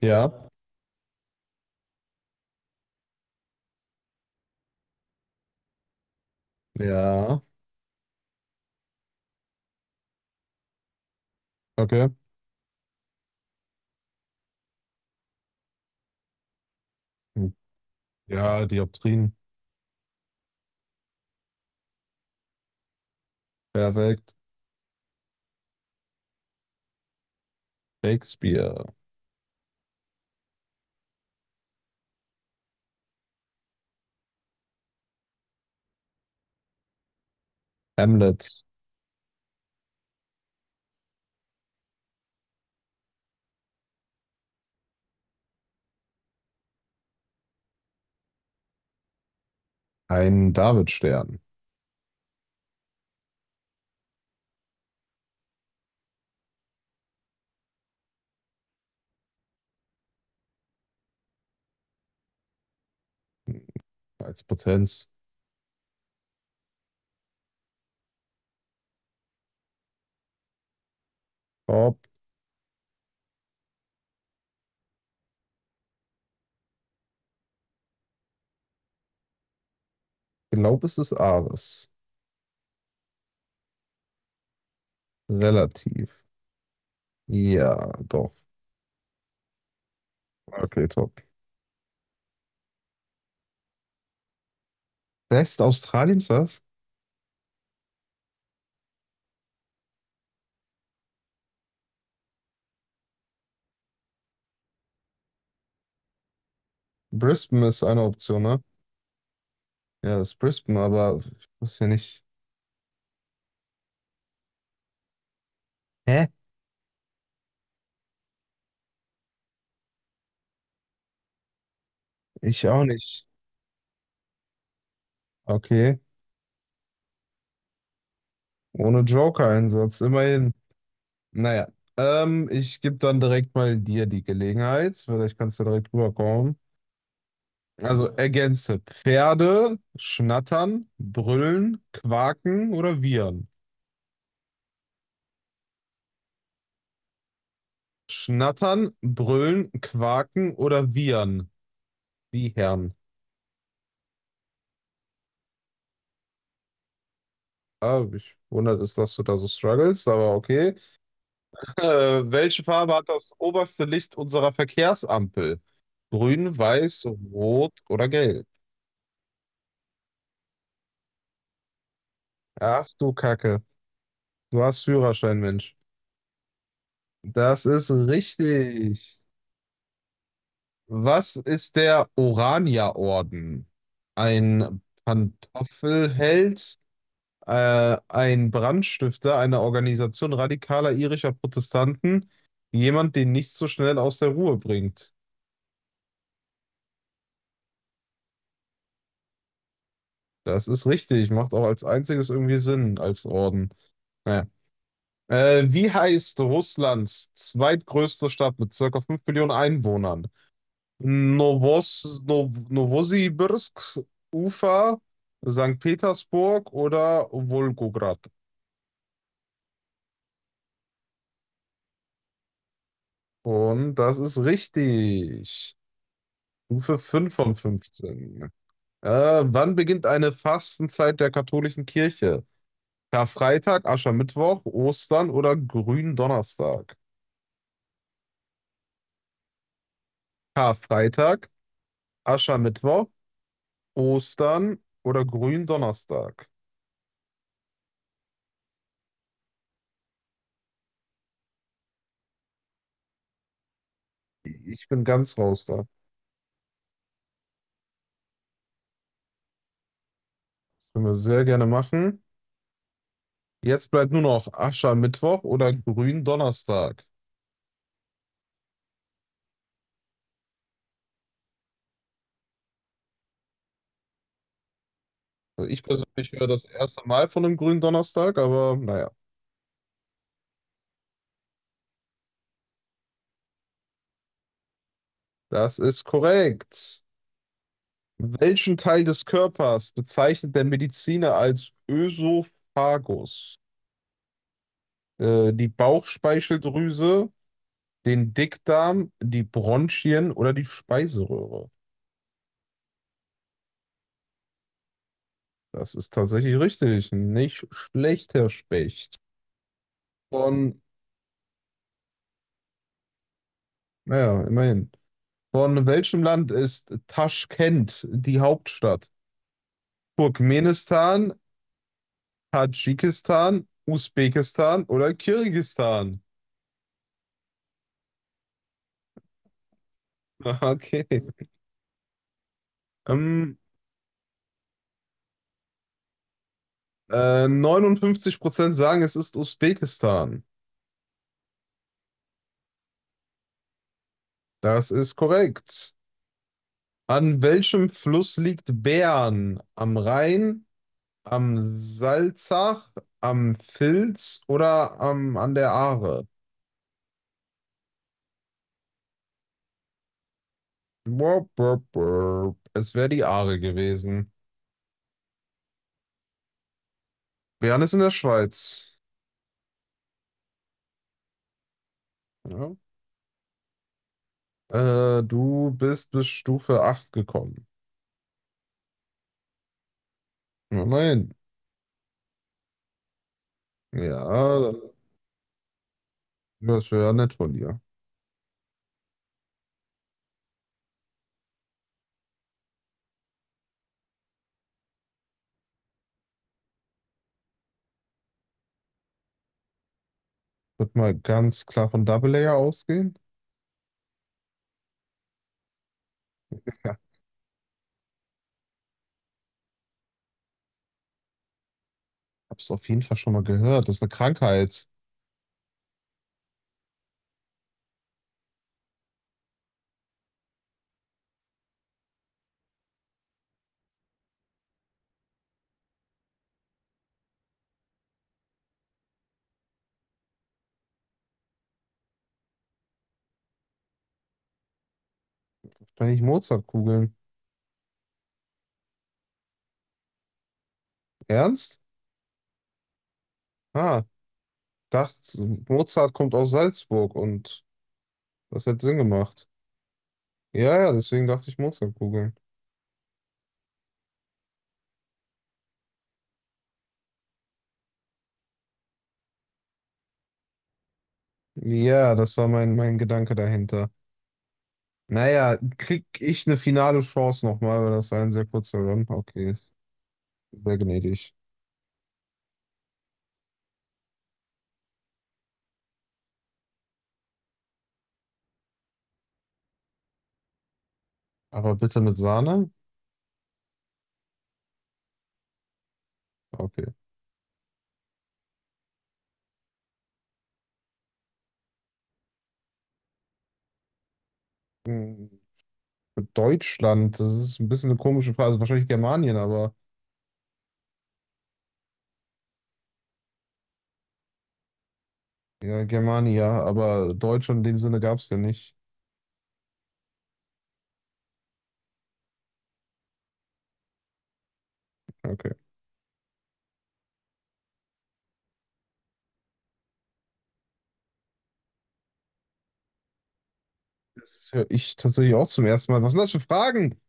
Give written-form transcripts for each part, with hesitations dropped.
Ja, ja, okay. Hm. Ja, Dioptrien, perfekt. Shakespeare, Hamlet, ein Davidstern als Potenz. Top. Glaub es ist Ares. Relativ. Ja, doch. Okay, top. West Australiens, was? Brisbane ist eine Option, ne? Ja, das ist Brisbane, aber ich wusste ja nicht. Hä? Ich auch nicht. Okay. Ohne Joker-Einsatz, immerhin. Naja, ich gebe dann direkt mal dir die Gelegenheit. Vielleicht kannst du direkt rüberkommen. Also ergänze. Pferde schnattern, brüllen, quaken oder wiehern. Schnattern, brüllen, quaken oder wiehern. Wiehern. Ah, mich wundert es, dass du da so struggles, aber okay. Äh, welche Farbe hat das oberste Licht unserer Verkehrsampel? Grün, weiß, rot oder gelb? Ach du Kacke. Du hast Führerschein, Mensch. Das ist richtig. Was ist der Orania-Orden? Ein Pantoffelheld, ein Brandstifter einer Organisation radikaler irischer Protestanten, jemand, den nichts so schnell aus der Ruhe bringt. Das ist richtig, macht auch als einziges irgendwie Sinn als Orden. Naja. Wie heißt Russlands zweitgrößte Stadt mit circa 5 Millionen Einwohnern? Novosibirsk, Ufa, Sankt Petersburg oder Wolgograd. Und das ist richtig. Stufe 5 von 15. Wann beginnt eine Fastenzeit der katholischen Kirche? Karfreitag, Aschermittwoch, Ostern oder Gründonnerstag? Karfreitag, Aschermittwoch, Ostern oder Gründonnerstag? Ich bin ganz raus da. Können wir sehr gerne machen. Jetzt bleibt nur noch Aschermittwoch oder Gründonnerstag. Also ich persönlich höre das erste Mal von einem Gründonnerstag, aber naja, das ist korrekt. Welchen Teil des Körpers bezeichnet der Mediziner als Ösophagus? Die Bauchspeicheldrüse, den Dickdarm, die Bronchien oder die Speiseröhre? Das ist tatsächlich richtig. Nicht schlecht, Herr Specht. Von, naja, immerhin. Von welchem Land ist Taschkent die Hauptstadt? Turkmenistan, Tadschikistan, Usbekistan oder Kirgisistan? Aha, Okay. Ähm, äh, 59% sagen, es ist Usbekistan. Das ist korrekt. An welchem Fluss liegt Bern? Am Rhein, am Salzach, am Filz oder an der Aare? Burp, burp, burp. Es wäre die Aare gewesen. Bern ist in der Schweiz. Ja. Du bist bis Stufe 8 gekommen. Immerhin. Ja, das wäre ja nett von dir. Wird mal ganz klar von Double Layer ausgehen. Ja, hab's auf jeden Fall schon mal gehört. Das ist eine Krankheit. Wahrscheinlich Mozartkugeln. Ernst? Ah, dachte, Mozart kommt aus Salzburg und das hätte Sinn gemacht. Ja, ja, deswegen dachte ich Mozartkugeln. Ja, das war mein Gedanke dahinter. Naja, krieg ich eine finale Chance nochmal, weil das war ein sehr kurzer Run. Okay, sehr gnädig. Aber bitte mit Sahne? Okay. Hm, Deutschland, das ist ein bisschen eine komische Frage. Also wahrscheinlich Germanien, aber ja, Germania, aber Deutschland in dem Sinne gab es ja nicht. Okay. Das höre ich tatsächlich auch zum ersten Mal. Was sind das für Fragen?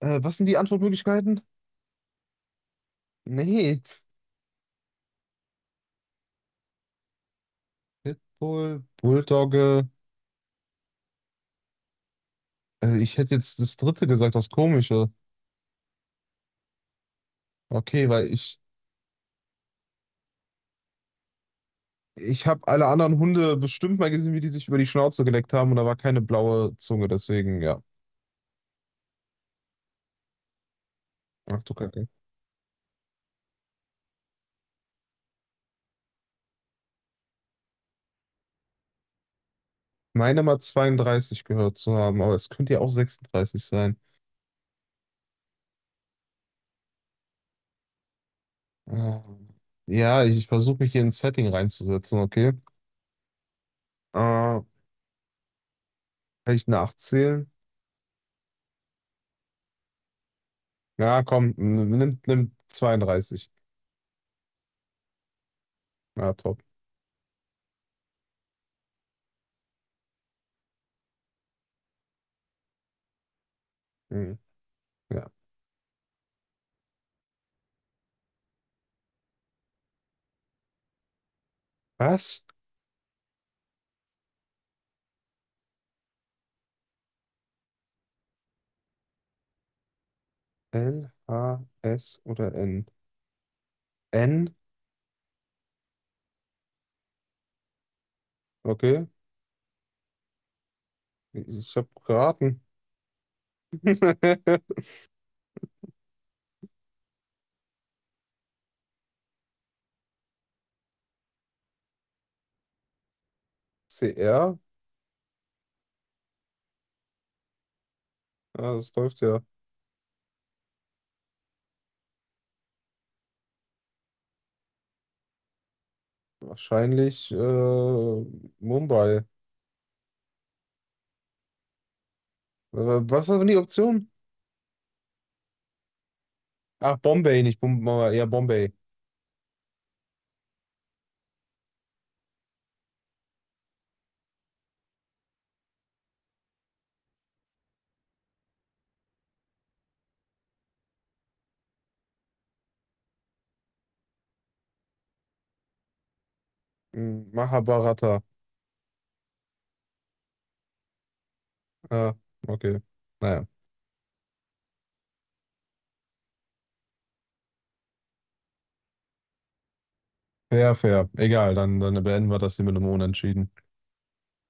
Was sind die Antwortmöglichkeiten? Nee. Pitbull, Bulldogge. Ich hätte jetzt das dritte gesagt, das Komische. Okay, weil ich Ich habe alle anderen Hunde bestimmt mal gesehen, wie die sich über die Schnauze geleckt haben und da war keine blaue Zunge, deswegen ja. Ach du Kacke. Meine mal 32 gehört zu haben, aber es könnte ja auch 36 sein. Ah. Ja, ich versuche mich hier in ein Setting reinzusetzen, okay? Kann ich nachzählen? Ja, komm, nimm 32. Ja, top. Mhm. Ja. Was? L, H, S oder N? N? Okay. Ich habe geraten. Cr. Ja, das läuft ja. Wahrscheinlich Mumbai. Was war denn die Option? Ach, Bombay, nicht Bombay. Ja, Bombay. Hm, Mahabharata. Ja, okay. Naja. Fair, fair. Egal, dann beenden wir das hier mit einem Unentschieden.